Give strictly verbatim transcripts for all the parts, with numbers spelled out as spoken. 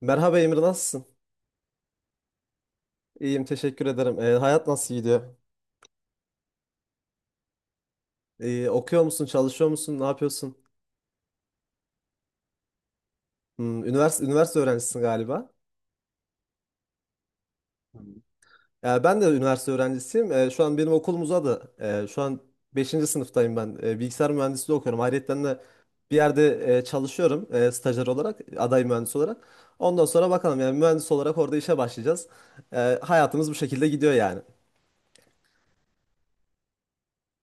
Merhaba Emir, nasılsın? İyiyim, teşekkür ederim. Ee, hayat nasıl gidiyor? Ee, okuyor musun, çalışıyor musun, ne yapıyorsun? Hmm, üniversite, üniversite öğrencisin galiba. Ee, ben de üniversite öğrencisiyim. Ee, şu an benim okulum uzadı. Ee, şu an beşinci sınıftayım ben. Ee, bilgisayar mühendisliği okuyorum. Ayrıca de bir yerde e, çalışıyorum, e, stajyer olarak, aday mühendis olarak. Ondan sonra bakalım, yani mühendis olarak orada işe başlayacağız. Ee, hayatımız bu şekilde gidiyor yani.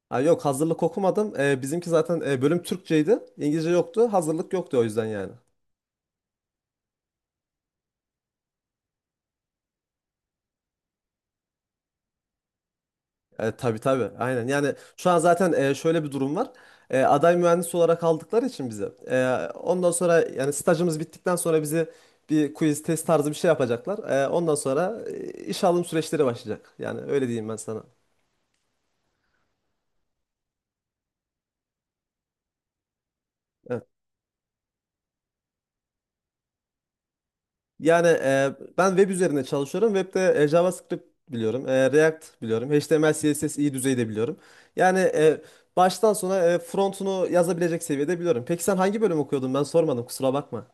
Ha, yok, hazırlık okumadım. Ee, bizimki zaten e, bölüm Türkçeydi. İngilizce yoktu. Hazırlık yoktu o yüzden yani. E, tabii tabii, aynen, yani şu an zaten e, şöyle bir durum var. E, aday mühendis olarak aldıkları için bizi, E, ondan sonra yani stajımız bittikten sonra bize bir quiz test tarzı bir şey yapacaklar. E, ondan sonra e, iş alım süreçleri başlayacak, yani öyle diyeyim ben sana. Evet. Yani e, ben web üzerinde çalışıyorum. Webde e, JavaScript biliyorum, e, React biliyorum, H T M L C S S iyi düzeyde biliyorum. Yani e, baştan sona e, frontunu yazabilecek seviyede biliyorum. Peki sen hangi bölüm okuyordun, ben sormadım, kusura bakma.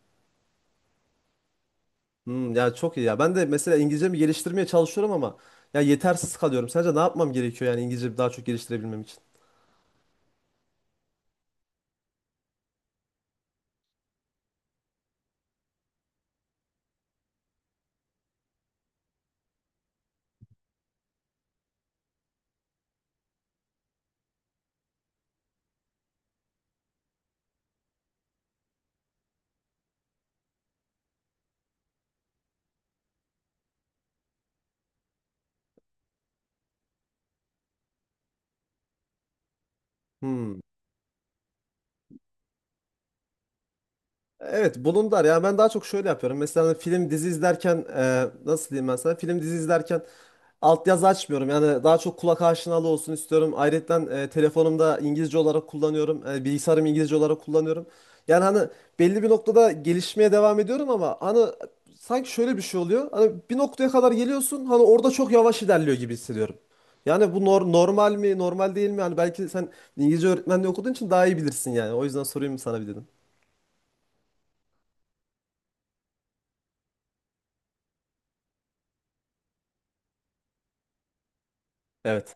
Hmm, ya çok iyi ya. Ben de mesela İngilizcemi geliştirmeye çalışıyorum, ama ya yetersiz kalıyorum. Sence ne yapmam gerekiyor, yani İngilizcemi daha çok geliştirebilmem için? Hmm. Evet, bulundar ya, ben daha çok şöyle yapıyorum. Mesela hani film dizi izlerken, e, nasıl diyeyim ben sana, film dizi izlerken altyazı açmıyorum. Yani daha çok kulak aşinalı olsun istiyorum. Ayrıca telefonumda İngilizce olarak kullanıyorum. E, bilgisayarım İngilizce olarak kullanıyorum. Yani hani belli bir noktada gelişmeye devam ediyorum, ama hani sanki şöyle bir şey oluyor. Hani bir noktaya kadar geliyorsun, hani orada çok yavaş ilerliyor gibi hissediyorum. Yani bu nor- normal mi, normal değil mi? Yani belki sen İngilizce öğretmenliği okuduğun için daha iyi bilirsin yani. O yüzden sorayım sana bir dedim. Evet.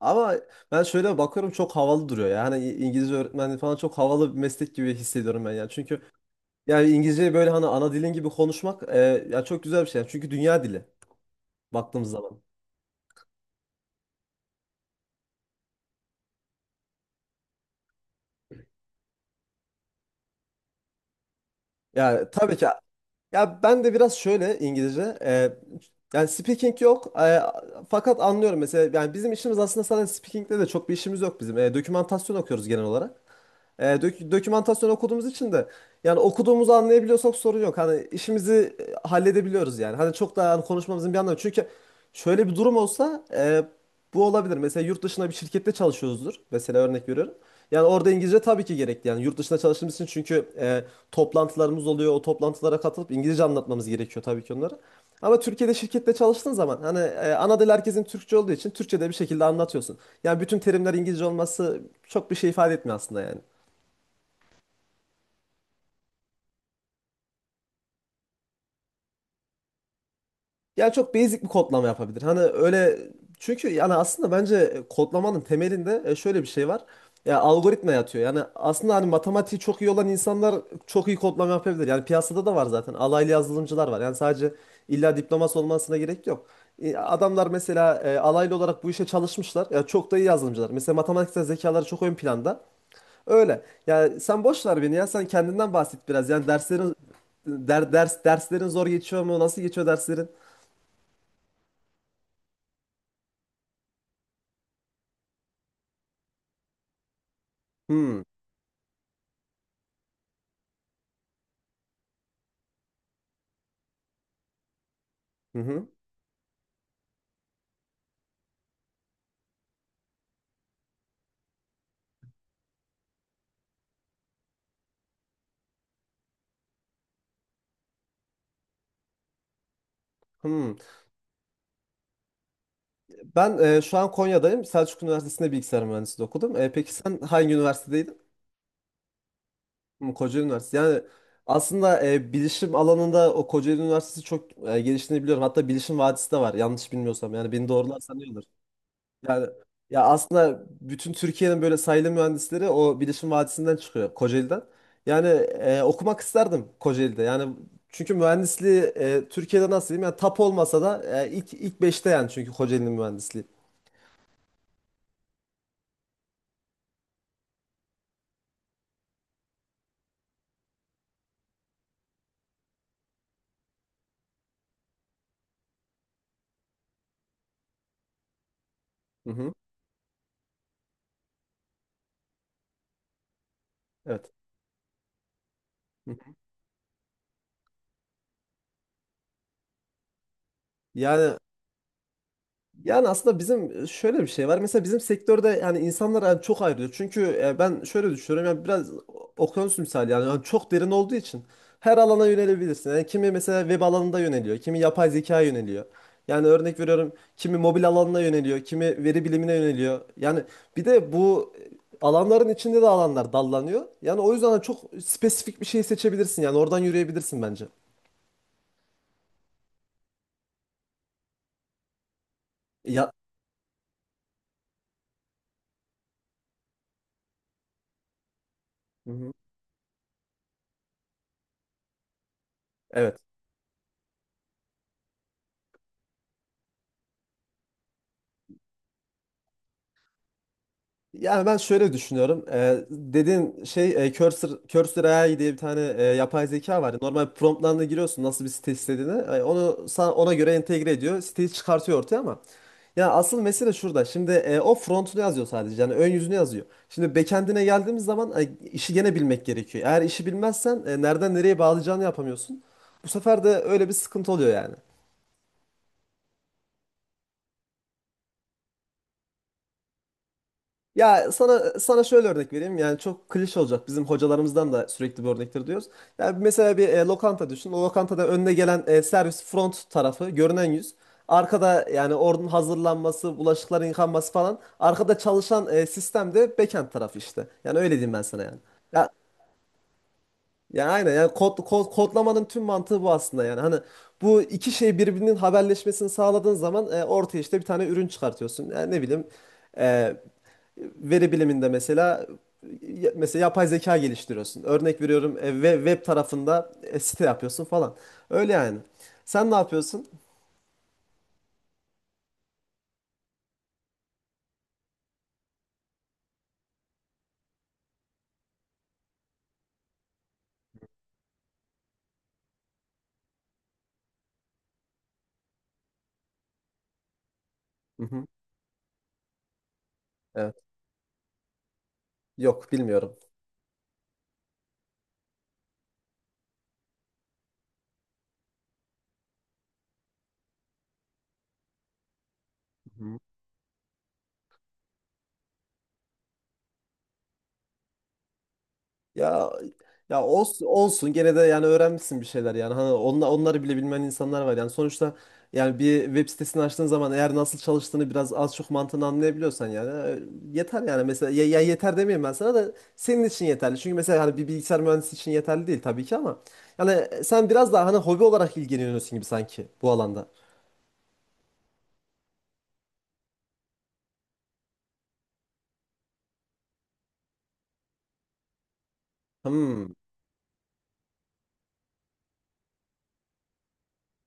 Ama ben şöyle bakıyorum, çok havalı duruyor ya. Hani İngilizce öğretmenliği falan çok havalı bir meslek gibi hissediyorum ben yani. Çünkü yani İngilizceyi böyle hani ana dilin gibi konuşmak, e, ya çok güzel bir şey. Yani çünkü dünya dili baktığımız zaman. Yani tabii ki, ya ben de biraz şöyle İngilizce, e, yani speaking yok, e, fakat anlıyorum mesela. Yani bizim işimiz aslında sadece speaking'de de çok bir işimiz yok bizim. E, dokümantasyon okuyoruz genel olarak. E, dök- dokümantasyon okuduğumuz için de yani okuduğumuzu anlayabiliyorsak sorun yok. Hani işimizi e, halledebiliyoruz yani. Hani çok daha hani konuşmamızın bir anlamı. Çünkü şöyle bir durum olsa e, bu olabilir. Mesela yurt dışında bir şirkette çalışıyoruzdur. Mesela örnek veriyorum. Yani orada İngilizce tabii ki gerekli. Yani yurt dışında çalıştığımız için, çünkü e, toplantılarımız oluyor. O toplantılara katılıp İngilizce anlatmamız gerekiyor tabii ki onlara. Ama Türkiye'de şirkette çalıştığın zaman, hani e, ana dil herkesin Türkçe olduğu için Türkçe'de bir şekilde anlatıyorsun. Yani bütün terimler İngilizce olması çok bir şey ifade etmiyor aslında yani. Ya çok basic bir kodlama yapabilir. Hani öyle, çünkü yani aslında bence kodlamanın temelinde e, şöyle bir şey var. Ya algoritma yatıyor. Yani aslında hani matematiği çok iyi olan insanlar çok iyi kodlama yapabilir. Yani piyasada da var zaten. Alaylı yazılımcılar var. Yani sadece illa diploması olmasına gerek yok. E, Adamlar mesela e, alaylı olarak bu işe çalışmışlar. Ya çok da iyi yazılımcılar. Mesela matematiksel zekaları çok ön planda. Öyle. Yani sen boş ver beni ya. Sen kendinden bahset biraz. Yani derslerin der, ders derslerin zor geçiyor mu? Nasıl geçiyor derslerin? Hı hı. Hmm. Ben e, şu an Konya'dayım. Selçuk Üniversitesi'nde bilgisayar mühendisliği okudum. E, peki sen hangi üniversitedeydin? Hmm, Kocaeli Üniversitesi. Yani aslında e, bilişim alanında o Kocaeli Üniversitesi çok e, geliştiğini biliyorum. Hatta Bilişim Vadisi de var yanlış bilmiyorsam. Yani beni doğrularsan iyi olur. Yani ya, aslında bütün Türkiye'nin böyle sayılı mühendisleri o Bilişim Vadisi'nden çıkıyor, Kocaeli'den. Yani e, okumak isterdim Kocaeli'de. Yani, çünkü mühendisliği e, Türkiye'de nasıl diyeyim? Yani tap olmasa da e, ilk ilk beşte yani, çünkü Kocaeli'nin mühendisliği. Hı hı. Evet. Yani yani aslında bizim e, şöyle bir şey var. Mesela bizim sektörde yani insanlar yani çok ayrılıyor. Çünkü e, ben şöyle düşünüyorum, yani biraz okyanus misali yani, yani çok derin olduğu için her alana yönelebilirsin. Yani kimi mesela web alanında yöneliyor, kimi yapay zekaya yöneliyor. Yani örnek veriyorum, kimi mobil alanına yöneliyor, kimi veri bilimine yöneliyor. Yani bir de bu e, alanların içinde de alanlar dallanıyor. Yani o yüzden çok spesifik bir şey seçebilirsin. Yani oradan yürüyebilirsin bence. Ya. Hı hı. Evet. Yani ben şöyle düşünüyorum. Ee, dediğin şey e, Cursor, Cursor A I diye bir tane e, yapay zeka var. Normal promptlarına giriyorsun nasıl bir site istediğini. E, onu sana, ona göre entegre ediyor. Siteyi çıkartıyor ortaya ama. Ya asıl mesele şurada. Şimdi e, o frontunu yazıyor sadece. Yani ön yüzünü yazıyor. Şimdi backend'ine geldiğimiz zaman e, işi gene bilmek gerekiyor. Eğer işi bilmezsen e, nereden nereye bağlayacağını yapamıyorsun. Bu sefer de öyle bir sıkıntı oluyor yani. Ya sana sana şöyle örnek vereyim. Yani çok klişe olacak. Bizim hocalarımızdan da sürekli bu örnektir diyoruz. Yani mesela bir e, lokanta düşün. O lokantada önüne gelen e, servis front tarafı, görünen yüz. Arkada yani ordunun hazırlanması, bulaşıkların yıkanması falan, arkada çalışan e, sistem de backend tarafı işte. Yani öyle diyeyim ben sana yani. Ya ya aynen, yani kod, kod- kodlamanın tüm mantığı bu aslında yani. Hani bu iki şey birbirinin haberleşmesini sağladığın zaman e, ortaya işte bir tane ürün çıkartıyorsun. Yani ne bileyim, e, veri biliminde mesela ya- mesela yapay zeka geliştiriyorsun. Örnek veriyorum, e, ve web tarafında e, site yapıyorsun falan. Öyle yani. Sen ne yapıyorsun? Hı hı. Evet. Yok, bilmiyorum. Ya, ya olsun, olsun gene de, yani öğrenmişsin bir şeyler yani. Hani onlar, onları bile bilmeyen insanlar var yani sonuçta. Yani bir web sitesini açtığın zaman eğer nasıl çalıştığını biraz az çok mantığını anlayabiliyorsan yani e, yeter yani. Mesela ya, ya yeter demeyeyim ben sana, da senin için yeterli. Çünkü mesela hani bir bilgisayar mühendisi için yeterli değil tabii ki, ama yani sen biraz daha hani hobi olarak ilgileniyorsun gibi sanki bu alanda. Hmm,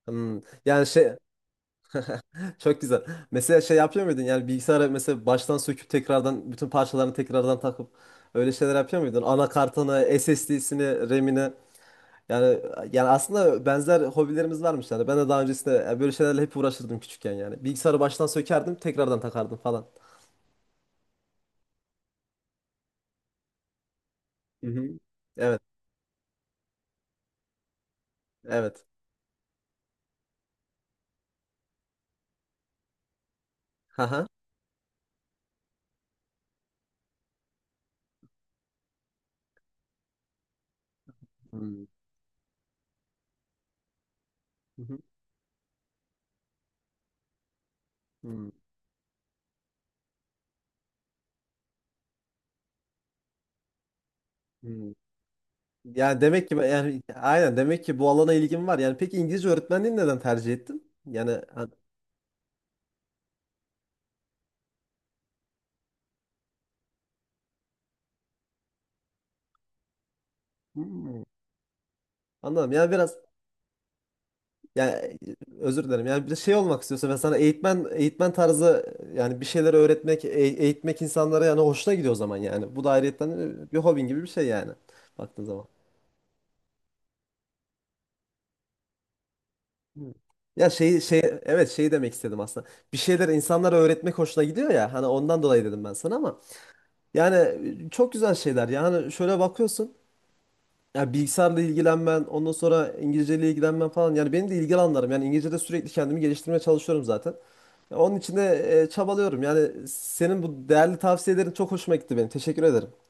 hmm. Yani şey. Çok güzel. Mesela şey yapıyor muydun? Yani bilgisayarı mesela baştan söküp tekrardan bütün parçalarını tekrardan takıp öyle şeyler yapıyor muydun? Anakartını, S S D'sini, RAM'ini. Yani yani aslında benzer hobilerimiz varmış yani. Ben de daha öncesinde yani böyle şeylerle hep uğraşırdım küçükken yani. Bilgisayarı baştan sökerdim, tekrardan takardım falan. Hı hı. Evet, evet. Haha. Hmm. Hı hı. Hmm. Hmm. Yani demek ki ben- yani aynen, demek ki bu alana ilgim var. Yani peki İngilizce öğretmenliğini neden tercih ettin? Yani ha- Hmm. Anladım. Yani biraz. Yani özür dilerim. Yani bir de şey olmak istiyorsa, ben sana eğitmen, eğitmen tarzı yani bir şeyler öğretmek, e- eğitmek insanlara yani hoşuna gidiyor o zaman yani. Bu da ayrıyetten e, bir hobin gibi bir şey yani baktığın zaman. Ya, şey şey, evet, şey demek istedim aslında. Bir şeyler insanlara öğretmek hoşuna gidiyor ya. Hani ondan dolayı dedim ben sana, ama yani e, çok güzel şeyler. Yani şöyle bakıyorsun, ya bilgisayarla ilgilenmen, ondan sonra İngilizceyle ilgilenmen falan. Yani benim de ilgi alanlarım. Yani İngilizce'de sürekli kendimi geliştirmeye çalışıyorum zaten. Ya onun için de e, çabalıyorum. Yani senin bu değerli tavsiyelerin çok hoşuma gitti benim. Teşekkür ederim.